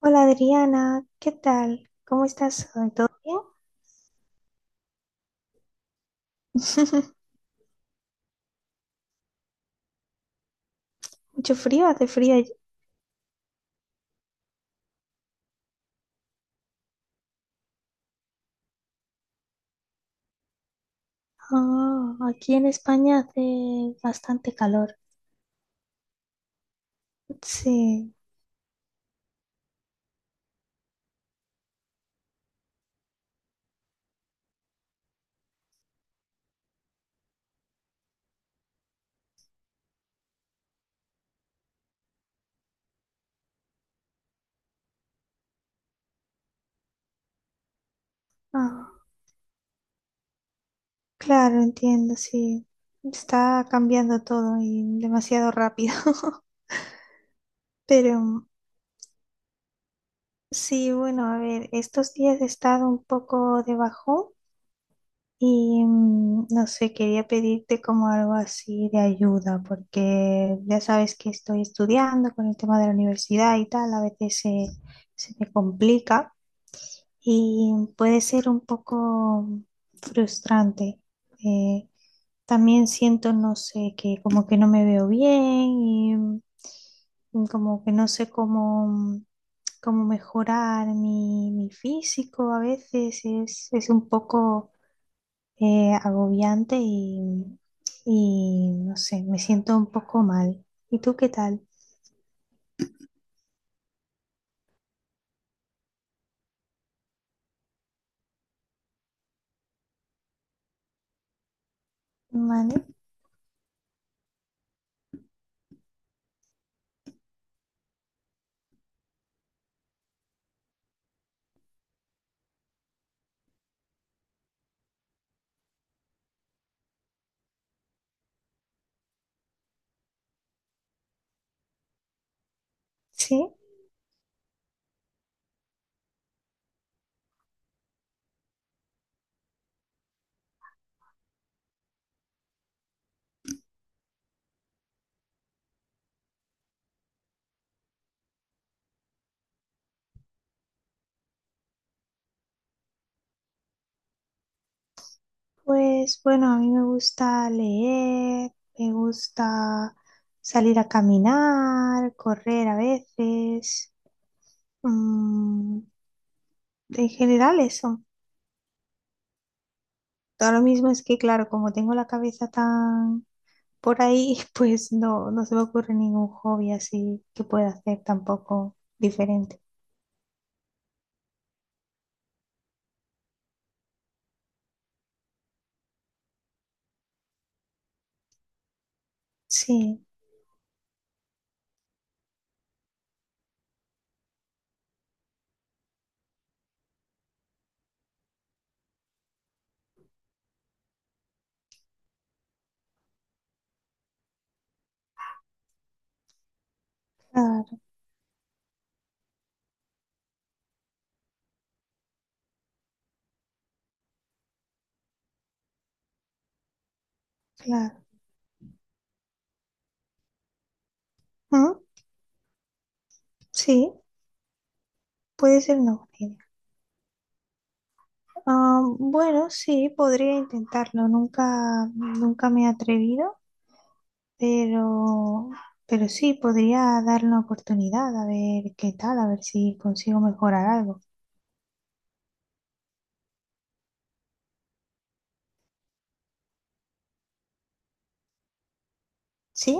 Hola Adriana, ¿qué tal? ¿Cómo estás hoy? ¿Todo bien? Mucho frío, ¿hace frío allí? Ah, aquí en España hace bastante calor. Sí, ah, claro, entiendo, sí. Está cambiando todo y demasiado rápido. Pero sí, bueno, a ver, estos días he estado un poco debajo. Y no sé, quería pedirte como algo así de ayuda, porque ya sabes que estoy estudiando con el tema de la universidad y tal, a veces se me complica y puede ser un poco frustrante. Eh, También siento, no sé, que como que no me veo bien y como que no sé cómo, cómo mejorar mi físico a veces, es un poco agobiante y no sé, me siento un poco mal. ¿Y tú qué tal? Vale, sí, pues bueno, a mí me gusta leer, me gusta salir a caminar, correr a veces, mm, en general eso. Ahora mismo es que, claro, como tengo la cabeza tan por ahí, pues no se me ocurre ningún hobby así que pueda hacer tampoco diferente. Sí, claro, claro. Mm, sí, puede ser una buena idea. Ah, bueno, sí, podría intentarlo. Nunca, nunca me he atrevido, pero, pero sí, podría dar una oportunidad a ver qué tal, a ver si consigo mejorar algo. ¿Sí?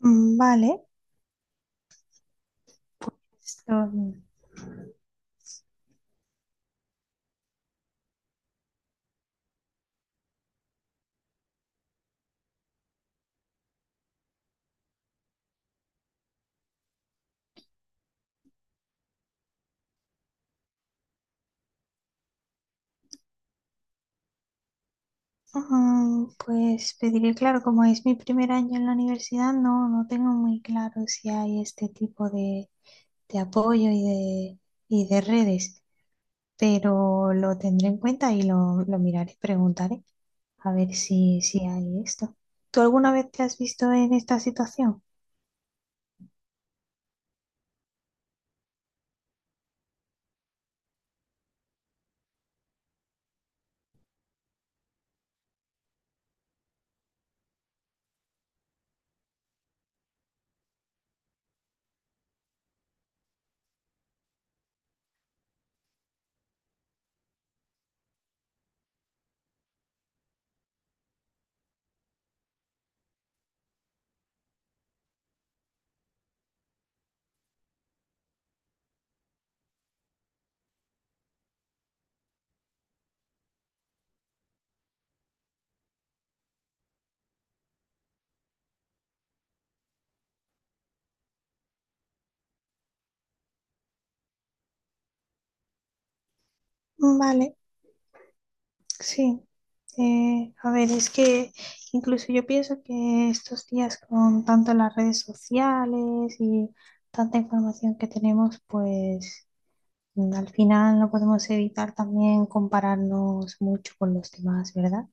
Mm, vale. Esto, pues pediré, claro, como es mi primer año en la universidad, no, no tengo muy claro si hay este tipo de apoyo y de redes. Pero lo tendré en cuenta y lo miraré, preguntaré a ver si hay esto. ¿Tú alguna vez te has visto en esta situación? Vale, sí. A ver, es que incluso yo pienso que estos días con tanto las redes sociales y tanta información que tenemos, pues al final no podemos evitar también compararnos mucho con los demás, ¿verdad?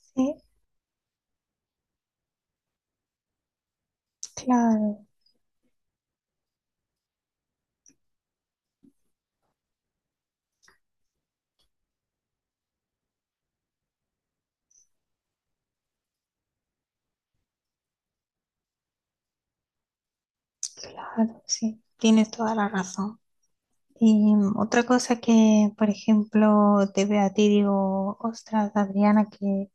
Sí, claro, claro, sí. Tienes toda la razón. Y otra cosa que, por ejemplo, te veo a ti, digo, ostras, Adriana,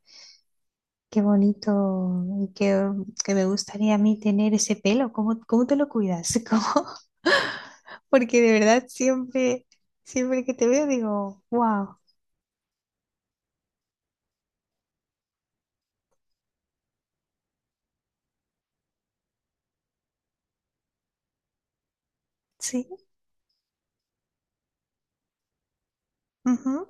qué bonito que me gustaría a mí tener ese pelo. ¿Cómo, cómo te lo cuidas? ¿Cómo? Porque de verdad siempre, siempre que te veo digo, wow, sí, ujú,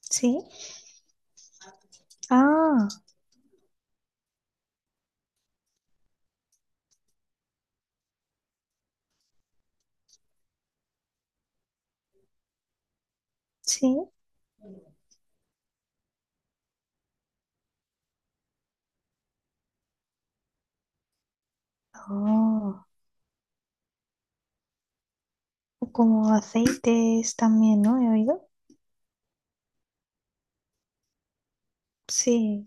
sí, ah, sí, oh, como aceites también, ¿no? He oído. Sí,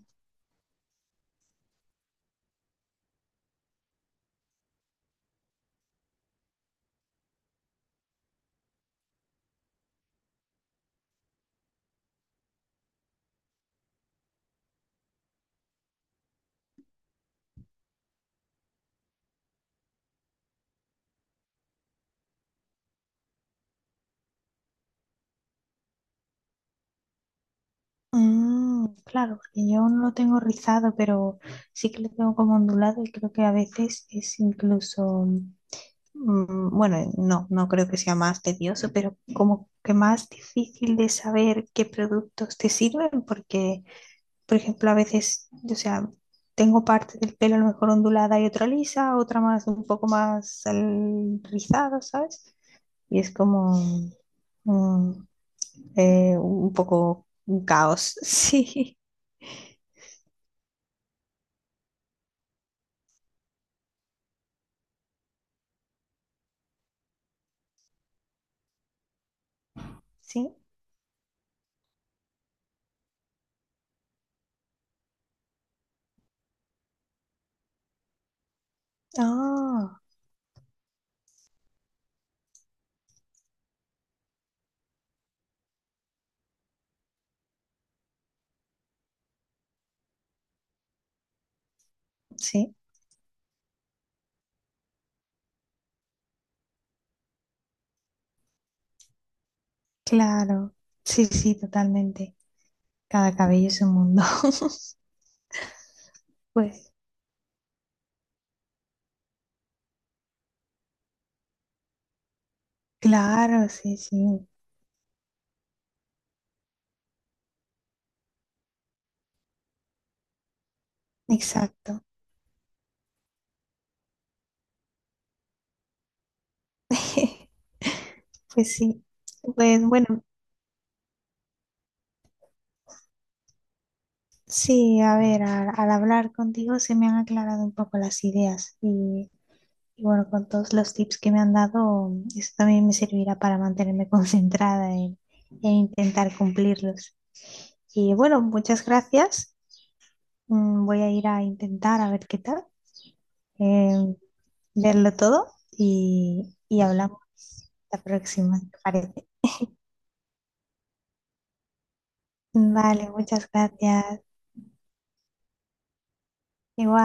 mm, claro, porque yo no lo tengo rizado, pero sí que lo tengo como ondulado y creo que a veces es incluso, mm, bueno, no, no creo que sea más tedioso, pero como que más difícil de saber qué productos te sirven, porque, por ejemplo, a veces, o sea, tengo parte del pelo a lo mejor ondulada y otra lisa, otra más, un poco más al- rizado, ¿sabes? Y es como mm, un poco un caos, sí. Sí, ah, sí, claro, sí, sí, totalmente. Cada cabello es un mundo. Pues claro, sí, sí, exacto. Pues sí, pues bueno, sí, a ver, al hablar contigo se me han aclarado un poco las ideas y bueno, con todos los tips que me han dado, eso también me servirá para mantenerme concentrada en intentar cumplirlos. Y bueno, muchas gracias. Mm, voy a ir a intentar a ver qué tal. eh, verlo todo y hablamos la próxima, ¿te parece? Vale, muchas gracias. Igual.